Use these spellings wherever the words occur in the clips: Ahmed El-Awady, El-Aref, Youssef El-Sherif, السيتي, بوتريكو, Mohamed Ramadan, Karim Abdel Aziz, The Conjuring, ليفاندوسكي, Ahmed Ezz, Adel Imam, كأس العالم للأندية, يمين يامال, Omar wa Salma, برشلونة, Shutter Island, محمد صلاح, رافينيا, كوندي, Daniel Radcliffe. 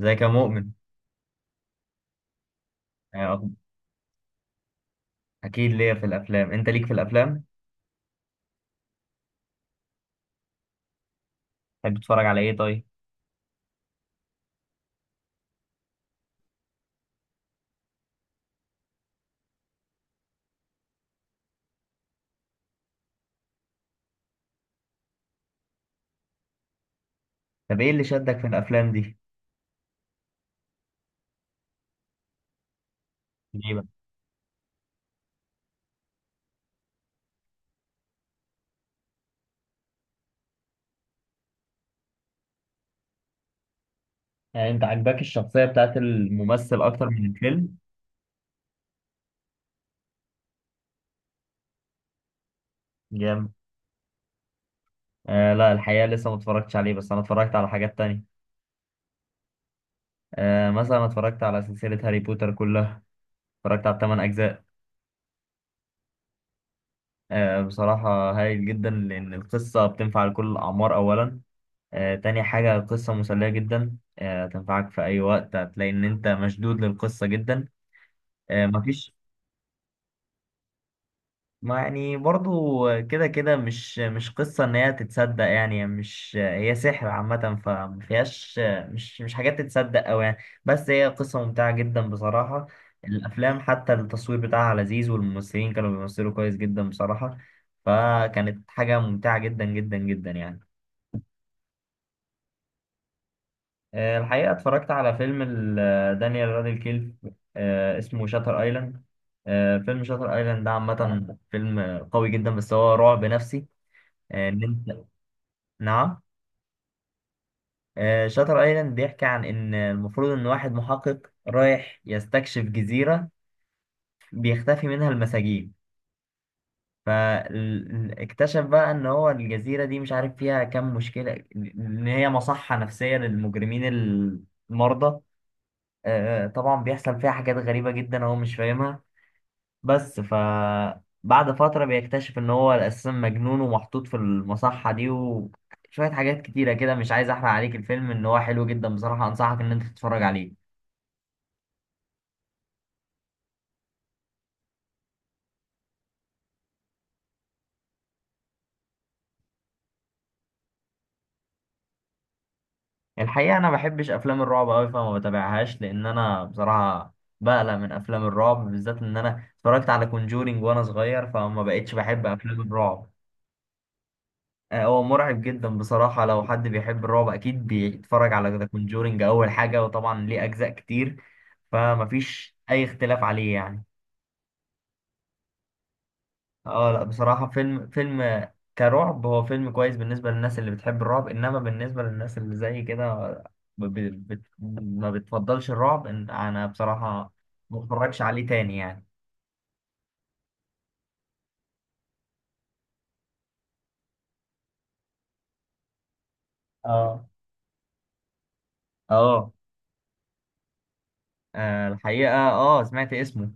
ازيك يا مؤمن؟ آه، أخ- اكيد ليا في الافلام، انت ليك في الافلام؟ تحب تتفرج على ايه طيب؟ طب ايه اللي شدك في الافلام دي؟ ليه بقى؟ يعني انت عاجباك الشخصية بتاعت الممثل اكتر من الفيلم؟ جامد. آه لا، الحقيقه لسه ما اتفرجتش عليه، بس انا اتفرجت على حاجات تانية. مثلا اتفرجت على سلسله هاري بوتر كلها، اتفرجت على الثمان اجزاء. بصراحه هايل جدا، لان القصه بتنفع لكل الاعمار اولا. تاني حاجه، القصه مسليه جدا، تنفعك في اي وقت، هتلاقي ان انت مشدود للقصه جدا. آه، مفيش. ما، يعني برضو، كده كده، مش قصة ان هي تتصدق، يعني مش هي سحر عامة فما فيهاش. مش حاجات تتصدق اوي، يعني. بس هي قصة ممتعة جدا بصراحة. الافلام حتى التصوير بتاعها لذيذ، والممثلين كانوا بيمثلوا كويس جدا بصراحة. فكانت حاجة ممتعة جدا جدا جدا، يعني. الحقيقة اتفرجت على فيلم دانيال راديكليف. اسمه شاتر ايلاند. فيلم شاتر ايلاند ده عامة فيلم قوي جدا، بس هو رعب نفسي. ان انت. نعم؟ شاتر ايلاند بيحكي عن ان المفروض ان واحد محقق رايح يستكشف جزيرة بيختفي منها المساجين. فاكتشف بقى ان هو الجزيرة دي، مش عارف فيها كام مشكلة، ان هي مصحة نفسية للمجرمين المرضى. طبعا بيحصل فيها حاجات غريبة جدا هو مش فاهمها. بس بعد فترة بيكتشف إن هو أساسا مجنون ومحطوط في المصحة دي، وشوية حاجات كتيرة كده. مش عايز أحرق عليك الفيلم، إن هو حلو جدا بصراحة، أنصحك إن أنت تتفرج عليه. الحقيقة أنا بحبش أفلام الرعب أوي، فما بتابعهاش، لأن أنا بصراحة بقلق من أفلام الرعب. بالذات إن أنا اتفرجت على كونجورينج وأنا صغير، فما بقتش بحب أفلام الرعب. هو مرعب جدا بصراحة، لو حد بيحب الرعب أكيد بيتفرج على ذا كونجورينج أول حاجة، وطبعا ليه أجزاء كتير. فمفيش أي اختلاف عليه، يعني. اه، لا بصراحة فيلم فيلم آه، كرعب هو فيلم كويس بالنسبة للناس اللي بتحب الرعب إنما بالنسبة للناس اللي زي كده ب- ب- بت- ما بتفضلش الرعب إن- أنا بصراحة ما بتفرجش عليه تاني يعني اه اه. الحقيقة سمعت اسمه.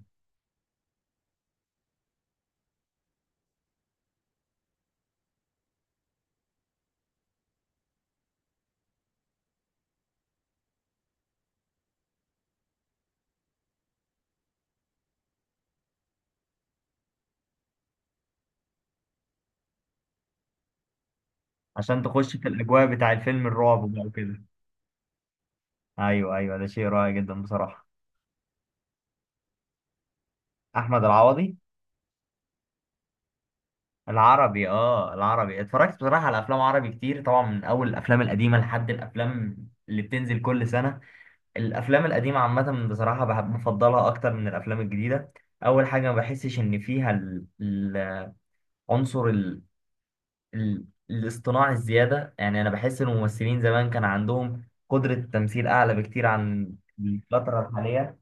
عشان تخش في الأجواء بتاع الفيلم الرعب بقى وكده. ايوه، ايوه، ده شيء رائع جدا بصراحه. احمد العوضي. العربي، اتفرجت بصراحه على افلام عربي كتير، طبعا من اول الافلام القديمه لحد الافلام اللي بتنزل كل سنه. الافلام القديمه عامه، بصراحه بحب بفضلها اكتر من الافلام الجديده. اول حاجه، ما بحسش ان فيها عنصر ال... الاصطناع الزياده، يعني انا بحس ان الممثلين زمان كان عندهم قدره تمثيل اعلى بكتير عن الفتره الحاليه.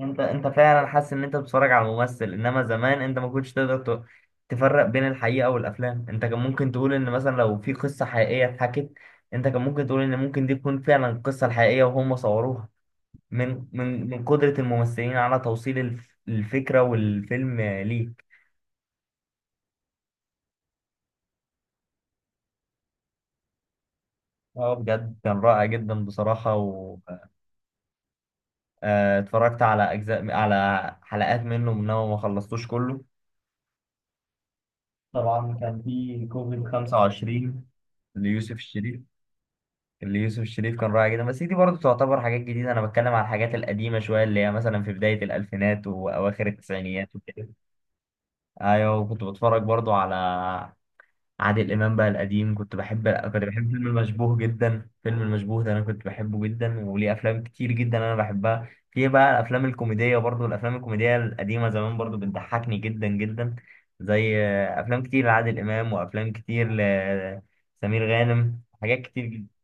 انت فعلا حاسس ان انت بتتفرج على ممثل، انما زمان انت ما كنتش تقدر تفرق بين الحقيقه والافلام. انت كان ممكن تقول ان مثلا لو في قصه حقيقيه اتحكت، انت كان ممكن تقول ان ممكن دي تكون فعلا القصه الحقيقيه وهم صوروها، من قدره الممثلين على توصيل الفكره والفيلم ليك. اه، بجد كان رائع جدا بصراحه، و اتفرجت على اجزاء، على حلقات منه، انما ما خلصتوش كله. طبعا كان في كوفيد 25، ليوسف الشريف. اللي يوسف الشريف كان رائع جدا، بس دي برضه تعتبر حاجات جديدة، أنا بتكلم على الحاجات القديمة شوية، اللي هي مثلا في بداية الألفينات وأواخر التسعينيات وكده. أيوة، وكنت بتفرج برضه على عادل إمام بقى القديم. كنت بحب فيلم المشبوه جدا. فيلم المشبوه ده أنا كنت بحبه جدا، وليه أفلام كتير جدا أنا بحبها. في بقى الأفلام الكوميدية برضه، الأفلام الكوميدية القديمة زمان برضه بتضحكني جدا جدا، زي أفلام كتير لعادل إمام، وأفلام كتير لسمير غانم، حاجات كتير جدا.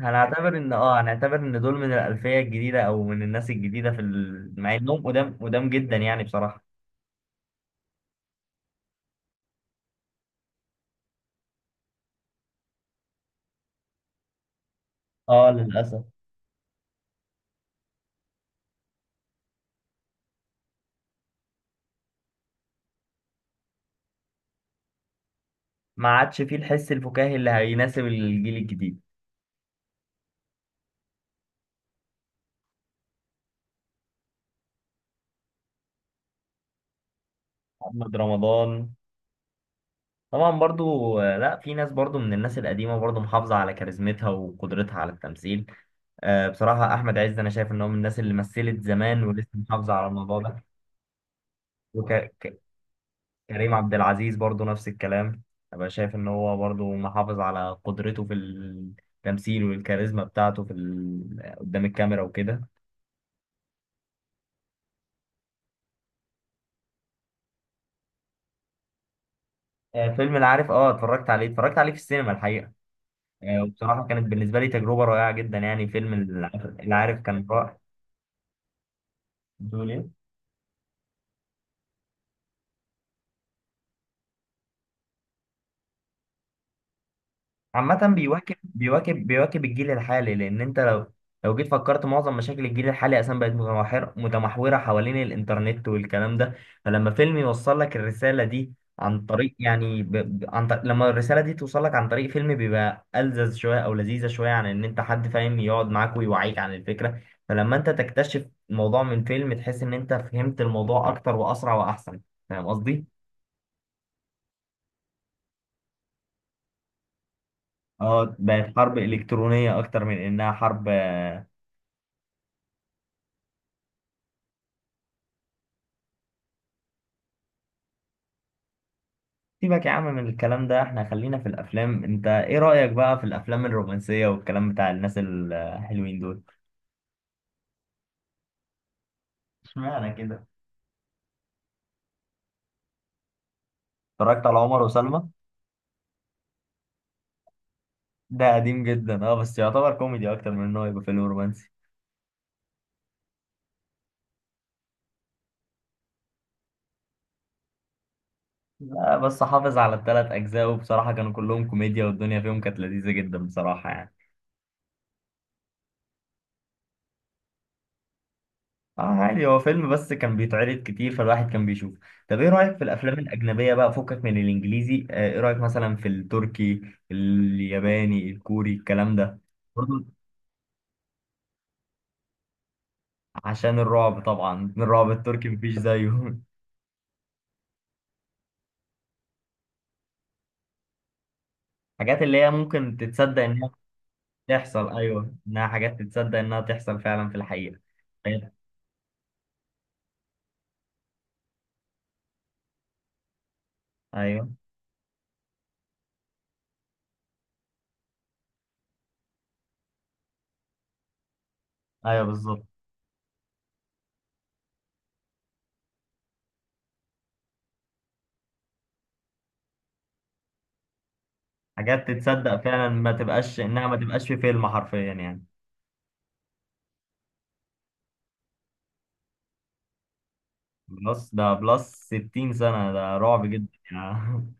هنعتبر ان دول من الالفيه الجديده، او من الناس الجديده مع انهم قدام قدام جدا، يعني بصراحه. اه، للاسف ما عادش فيه الحس الفكاهي اللي هيناسب الجيل الجديد. محمد رمضان. طبعا برضو، لا، في ناس برضو من الناس القديمة برضو محافظة على كاريزمتها وقدرتها على التمثيل. بصراحة أحمد عز، أنا شايف إن هو من الناس اللي مثلت زمان ولسه محافظة على الموضوع ده. كريم عبد العزيز برضو نفس الكلام. أبقى شايف إن هو برضو محافظ على قدرته في التمثيل، والكاريزما بتاعته قدام الكاميرا وكده. فيلم العارف، اتفرجت عليه في السينما الحقيقة. وبصراحة كانت بالنسبة لي تجربة رائعة جدا، يعني فيلم العارف، كان رائع. بتقول إيه؟ عامة بيواكب الجيل الحالي، لأن أنت لو لو جيت فكرت، معظم مشاكل الجيل الحالي أساسا بقت متمحورة حوالين الإنترنت والكلام ده. فلما فيلم يوصل لك الرسالة دي، عن طريق يعني ب... ب- عن طريق... لما الرسالة دي توصل لك عن طريق فيلم، بيبقى ألذذ شوية، أو لذيذة شوية، عن إن أنت حد فاهم يقعد معاك ويوعيك عن الفكرة. فلما أنت تكتشف الموضوع من فيلم، تحس إن أنت فهمت الموضوع أكتر وأسرع وأحسن. فاهم قصدي؟ اه، بقت حرب إلكترونية أكتر من إنها حرب. سيبك يا عم من الكلام ده، احنا خلينا في الافلام. انت ايه رأيك بقى في الافلام الرومانسية والكلام بتاع الناس الحلوين دول؟ اشمعنى كده؟ اتفرجت على عمر وسلمى؟ ده قديم جدا، اه، بس يعتبر كوميدي اكتر من انه يبقى فيلم رومانسي. لا، بس حافظ على الثلاث اجزاء، وبصراحة كانوا كلهم كوميديا، والدنيا فيهم كانت لذيذة جدا بصراحة، يعني. اه، عادي، هو فيلم بس كان بيتعرض كتير، فالواحد كان بيشوف. طب ايه رأيك في الافلام الاجنبية بقى؟ فكك من الانجليزي، ايه رأيك مثلا في التركي، الياباني، الكوري، الكلام ده؟ برضه. عشان الرعب، طبعا الرعب التركي مفيش زيه. حاجات اللي هي ممكن تتصدق انها تحصل، ايوه، انها حاجات تتصدق انها تحصل فعلا في الحقيقة. طيب. ايوه، ايوه، بالظبط. حاجات تتصدق فعلا، ما تبقاش انها ما تبقاش في فيلم حرفيا، يعني. بلس ده بلس 60 سنة، ده رعب جدا، يعني.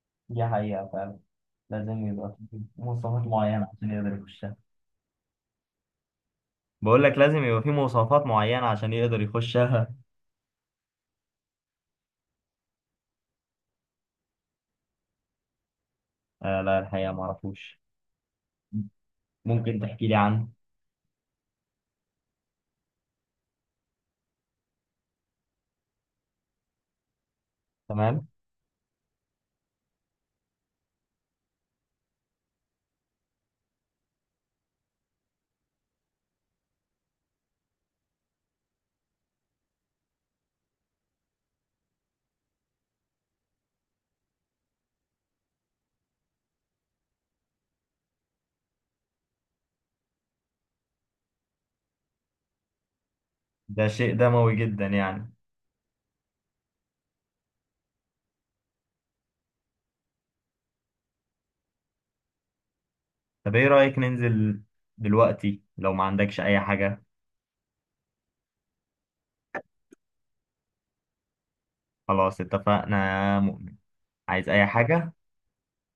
دي حقيقة فعلا. لازم يبقى في مواصفات معينة عشان يقدر يخشها. بقول لك لازم يبقى في مواصفات معينة عشان يقدر يخشها. آه لا، الحقيقة ما اعرفوش. ممكن تحكي لي عنه؟ تمام. ده شيء دموي جدا، يعني. طب ايه رأيك ننزل دلوقتي، لو ما عندكش اي حاجة؟ خلاص، اتفقنا، يا مؤمن، عايز اي حاجة؟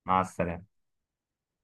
مع السلامة.